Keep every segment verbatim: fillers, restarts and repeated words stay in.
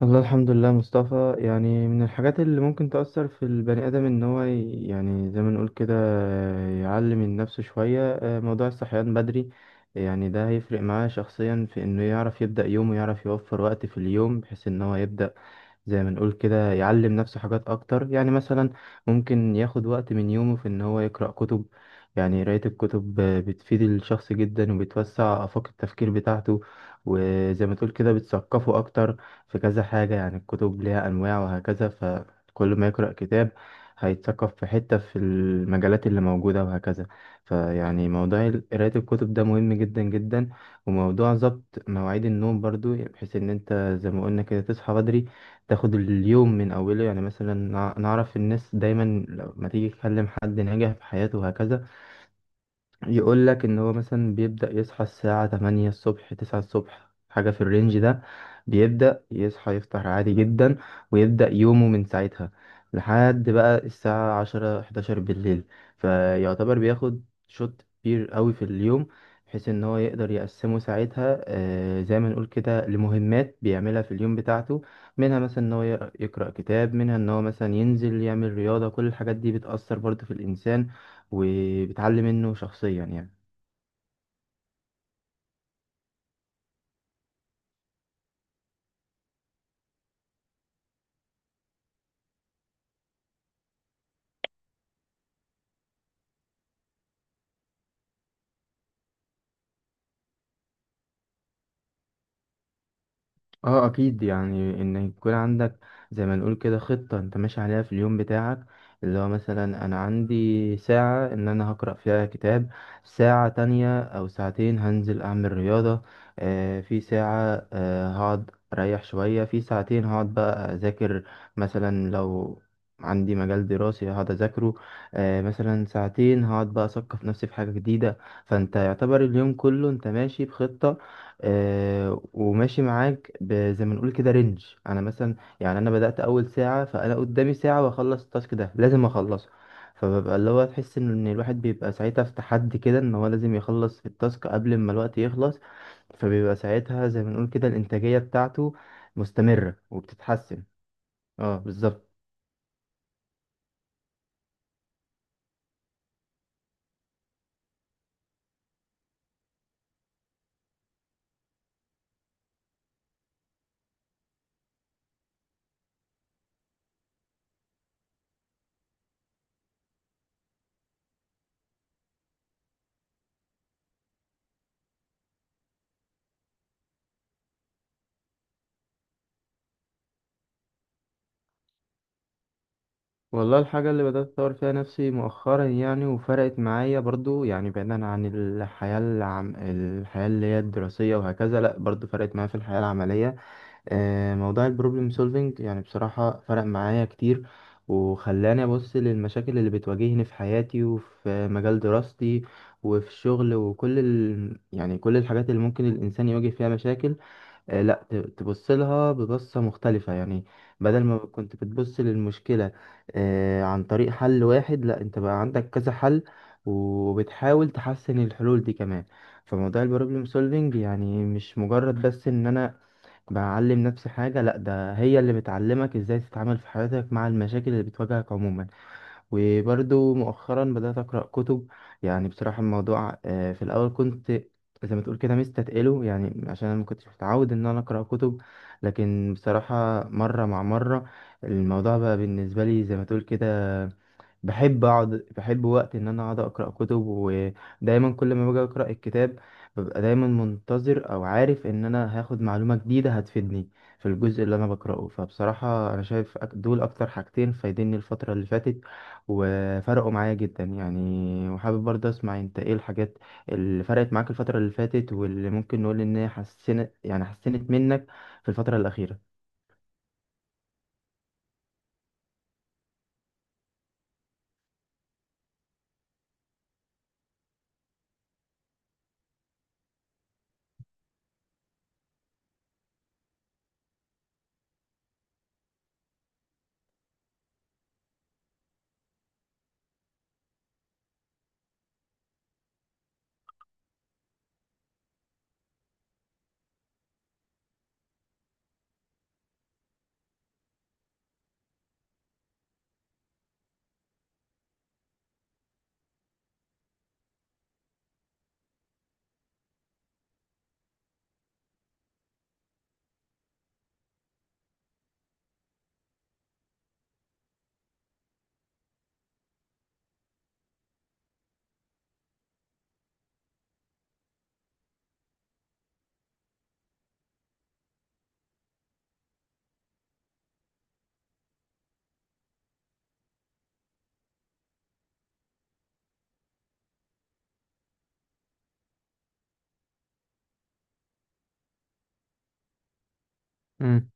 والله، الحمد لله مصطفى. يعني من الحاجات اللي ممكن تأثر في البني آدم إن هو ي- يعني زي ما نقول كده يعلم من نفسه شوية، آه، موضوع الصحيان بدري. يعني ده هيفرق معاه شخصيا في إنه يعرف يبدأ يومه، يعرف يوفر وقت في اليوم بحيث إن هو يبدأ زي ما نقول كده يعلم نفسه حاجات أكتر. يعني مثلا ممكن ياخد وقت من يومه في إن هو يقرأ كتب. يعني قراية الكتب آه، بتفيد الشخص جدا، وبتوسع آفاق التفكير بتاعته، وزي ما تقول كده بتثقفه أكتر. في كذا حاجة، يعني الكتب ليها أنواع وهكذا، فكل ما يقرأ كتاب هيتثقف في حتة في المجالات اللي موجودة وهكذا. فيعني موضوع ال- قراية الكتب ده مهم جدا جدا. وموضوع ظبط مواعيد النوم برضو، بحيث إن أنت زي ما قلنا كده تصحى بدري، تاخد اليوم من أوله. يعني مثلا نع- نعرف الناس دايما لما تيجي تكلم حد ناجح في حياته وهكذا، يقول لك ان هو مثلا بيبدأ يصحى الساعة تمانية الصبح، تسعة الصبح، حاجة في الرينج ده. بيبدأ يصحى، يفطر عادي جدا، ويبدأ يومه من ساعتها لحد بقى الساعة عشرة، حداشر بالليل. فيعتبر بياخد شوت كبير قوي في اليوم، بحيث ان هو يقدر يقسمه ساعتها آه، زي ما نقول كده لمهمات بيعملها في اليوم بتاعته. منها مثلا ان هو يقرأ كتاب، منها ان هو مثلا ينزل يعمل رياضة. كل الحاجات دي بتأثر برضه في الإنسان وبتعلي منه شخصيا يعني. اه، اكيد. يعني ان يكون عندك زي ما نقول كده خطة انت ماشي عليها في اليوم بتاعك، اللي هو مثلا انا عندي ساعة ان انا هقرأ فيها كتاب، ساعة تانية او ساعتين هنزل اعمل رياضة، آه في ساعة آه هقعد اريح شوية، في ساعتين هقعد بقى اذاكر. مثلا لو عندي مجال دراسي هقعد اذاكره، آه مثلا ساعتين هقعد بقى اثقف نفسي في حاجة جديدة. فانت يعتبر اليوم كله انت ماشي بخطة، آه وماشي معاك ب- زي ما نقول كده رينج. انا مثلا، يعني انا بدأت اول ساعة، فانا قدامي ساعة واخلص التاسك ده، لازم اخلصه. فببقى اللي هو تحس ان الواحد بيبقى ساعتها في تحدي كده، ان هو لازم يخلص التاسك قبل ما الوقت يخلص. فبيبقى ساعتها زي ما نقول كده الانتاجية بتاعته مستمرة وبتتحسن. اه، بالظبط. والله، الحاجة اللي بدأت أطور فيها نفسي مؤخرا يعني وفرقت معايا برضو، يعني بعيدا عن الحياة العم... الحياة اللي هي الدراسية وهكذا، لأ برضو فرقت معايا في الحياة العملية. آه، موضوع البروبلم سولفينج يعني بصراحة فرق معايا كتير، وخلاني أبص للمشاكل اللي بتواجهني في حياتي وفي مجال دراستي وفي الشغل وكل ال... يعني كل الحاجات اللي ممكن الإنسان يواجه فيها مشاكل، آه، لا ت- تبص لها ببصة مختلفة يعني. بدل ما كنت بتبص للمشكلة آه، عن طريق حل واحد، لا انت بقى عندك كذا حل، وبتحاول تحسن الحلول دي كمان. فموضوع البروبلم سولفينج يعني مش مجرد بس ان انا بعلم نفسي حاجة، لا، ده هي اللي بتعلمك ازاي تتعامل في حياتك مع المشاكل اللي بتواجهك عموما. وبرضو مؤخرا بدأت أقرأ كتب. يعني بصراحة الموضوع آه، في الأول كنت زي ما تقول كده مستثقله، يعني عشان أنا ما كنتش متعود إن أنا أقرأ كتب. لكن بصراحة مرة مع مرة الموضوع بقى بالنسبة لي زي ما تقول كده، بحب اقعد، بحب وقت ان انا اقعد اقرا كتب، ودايما كل ما باجي اقرا الكتاب ببقى دايما منتظر او عارف ان انا هاخد معلومه جديده هتفيدني في الجزء اللي انا بقراه. فبصراحه انا شايف أك- دول اكتر حاجتين فايديني الفتره اللي فاتت وفرقوا معايا جدا، يعني وحابب برضه اسمع انت ايه الحاجات اللي فرقت معاك الفتره اللي فاتت واللي ممكن نقول ان هي حسنت يعني حسنت منك في الفتره الاخيره. مم.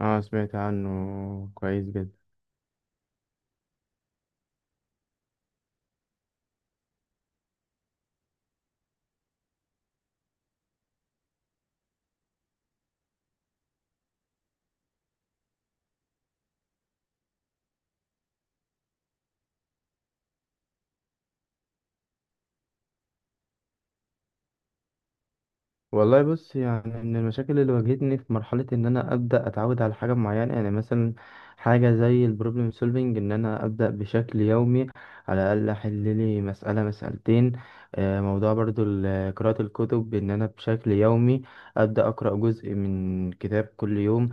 اه، سمعت عنه. كويس جدا. والله، بص يعني من المشاكل اللي واجهتني في مرحلة إن أنا أبدأ أتعود على حاجة معينة، يعني مثلا حاجة زي البروبلم سولفينج إن أنا أبدأ بشكل يومي على الأقل أحل لي مسألة مسألتين. آه، موضوع برضو ال- قراءة الكتب إن أنا بشكل يومي أبدأ أقرأ جزء من كتاب كل يوم.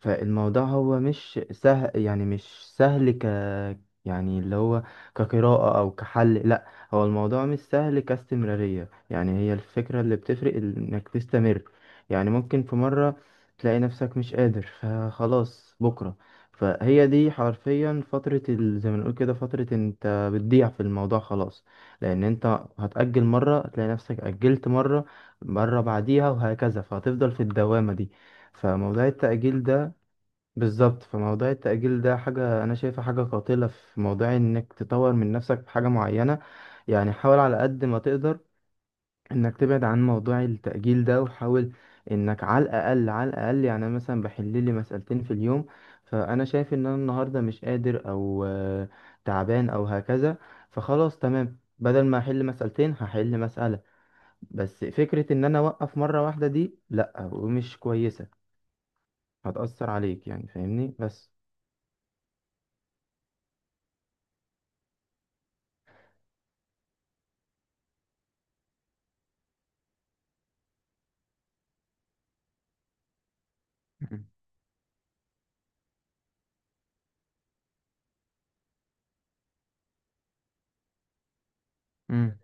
فالموضوع هو مش سهل، يعني مش سهل ك يعني اللي هو كقراءة أو كحل، لأ، هو الموضوع مش سهل كاستمرارية. يعني هي الفكرة اللي بتفرق إنك تستمر. يعني ممكن في مرة تلاقي نفسك مش قادر فخلاص بكرة، فهي دي حرفيا فترة ال... زي ما نقول كده فترة انت بتضيع في الموضوع خلاص. لأن انت هتأجل مرة، هتلاقي نفسك أجلت مرة، مرة بعديها وهكذا، فهتفضل في الدوامة دي. فموضوع التأجيل ده، بالظبط. فموضوع التأجيل ده حاجة أنا شايفها حاجة قاتلة في موضوع إنك تطور من نفسك في حاجة معينة. يعني حاول على قد ما تقدر انك تبعد عن موضوع التأجيل ده، وحاول انك على الاقل، على الاقل، يعني انا مثلا بحل لي مسألتين في اليوم، فانا شايف ان انا النهارده مش قادر او آه، تعبان او هكذا، فخلاص تمام، بدل ما احل مسألتين هحل مسألة. بس فكرة ان انا اوقف مرة واحدة دي لا، ومش كويسة، هتأثر عليك يعني، فاهمني بس. مم. مم.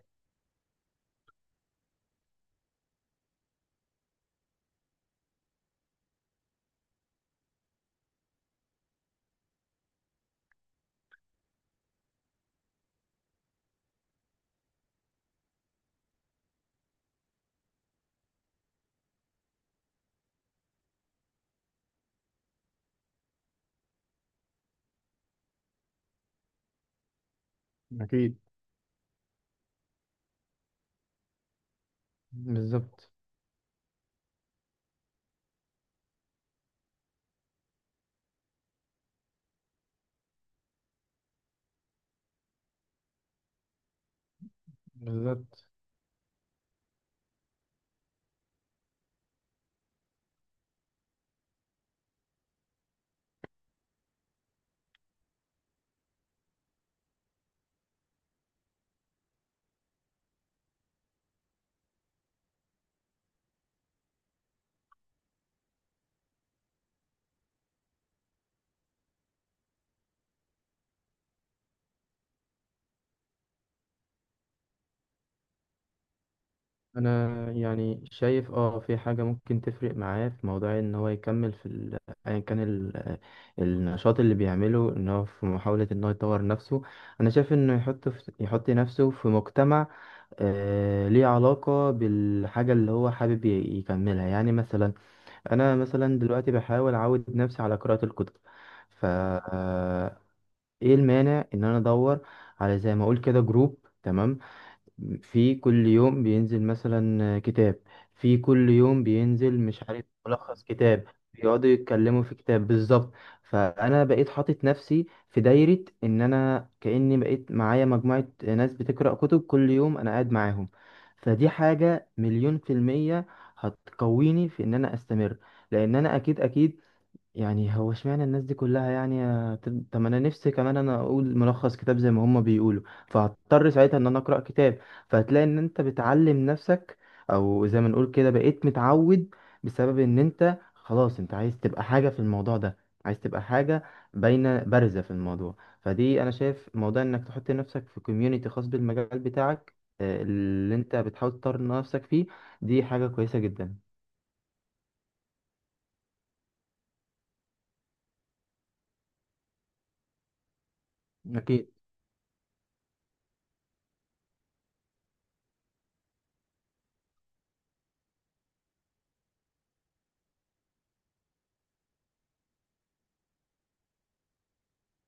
أكيد. بالظبط، بالظبط. انا يعني شايف اه في حاجة ممكن تفرق معاه في موضوع ان هو يكمل في ال- ايا كان ال- النشاط اللي بيعمله ان هو في محاولة ان هو يطور نفسه. انا شايف انه يحط في يحط نفسه في مجتمع آه ليه علاقة بالحاجة اللي هو حابب ي- يكملها. يعني مثلا انا مثلا دلوقتي بحاول اعود نفسي على قراءة الكتب، ف آه، ايه المانع ان انا ادور على زي ما اقول كده جروب، تمام، في كل يوم بينزل مثلا كتاب، في كل يوم بينزل مش عارف ملخص كتاب، بيقعدوا يتكلموا في كتاب. بالظبط. فانا بقيت حاطط نفسي في دايرة ان انا كأني بقيت معايا مجموعة ناس بتقرأ كتب كل يوم انا قاعد معاهم. فدي حاجة مليون في المية هتقويني في ان انا استمر، لان انا اكيد اكيد، يعني هو اشمعنى الناس دي كلها، يعني آه، طب طب ما انا نفسي كمان انا اقول ملخص كتاب زي ما هما بيقولوا. فهضطر ساعتها ان انا اقرا كتاب، فهتلاقي ان انت بتعلم نفسك او زي ما نقول كده بقيت متعود، بسبب ان انت خلاص انت عايز تبقى حاجة في الموضوع ده، عايز تبقى حاجة باينة بارزة في الموضوع. فدي انا شايف موضوع انك تحط نفسك في كوميونيتي خاص بالمجال بتاعك، آه، اللي انت بتحاول تطور نفسك فيه، دي حاجة كويسة جدا. اكيد.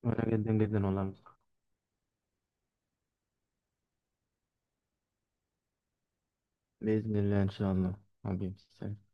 وانا جدا جدا والله. بإذن الله إن شاء الله. حبيبي سلام.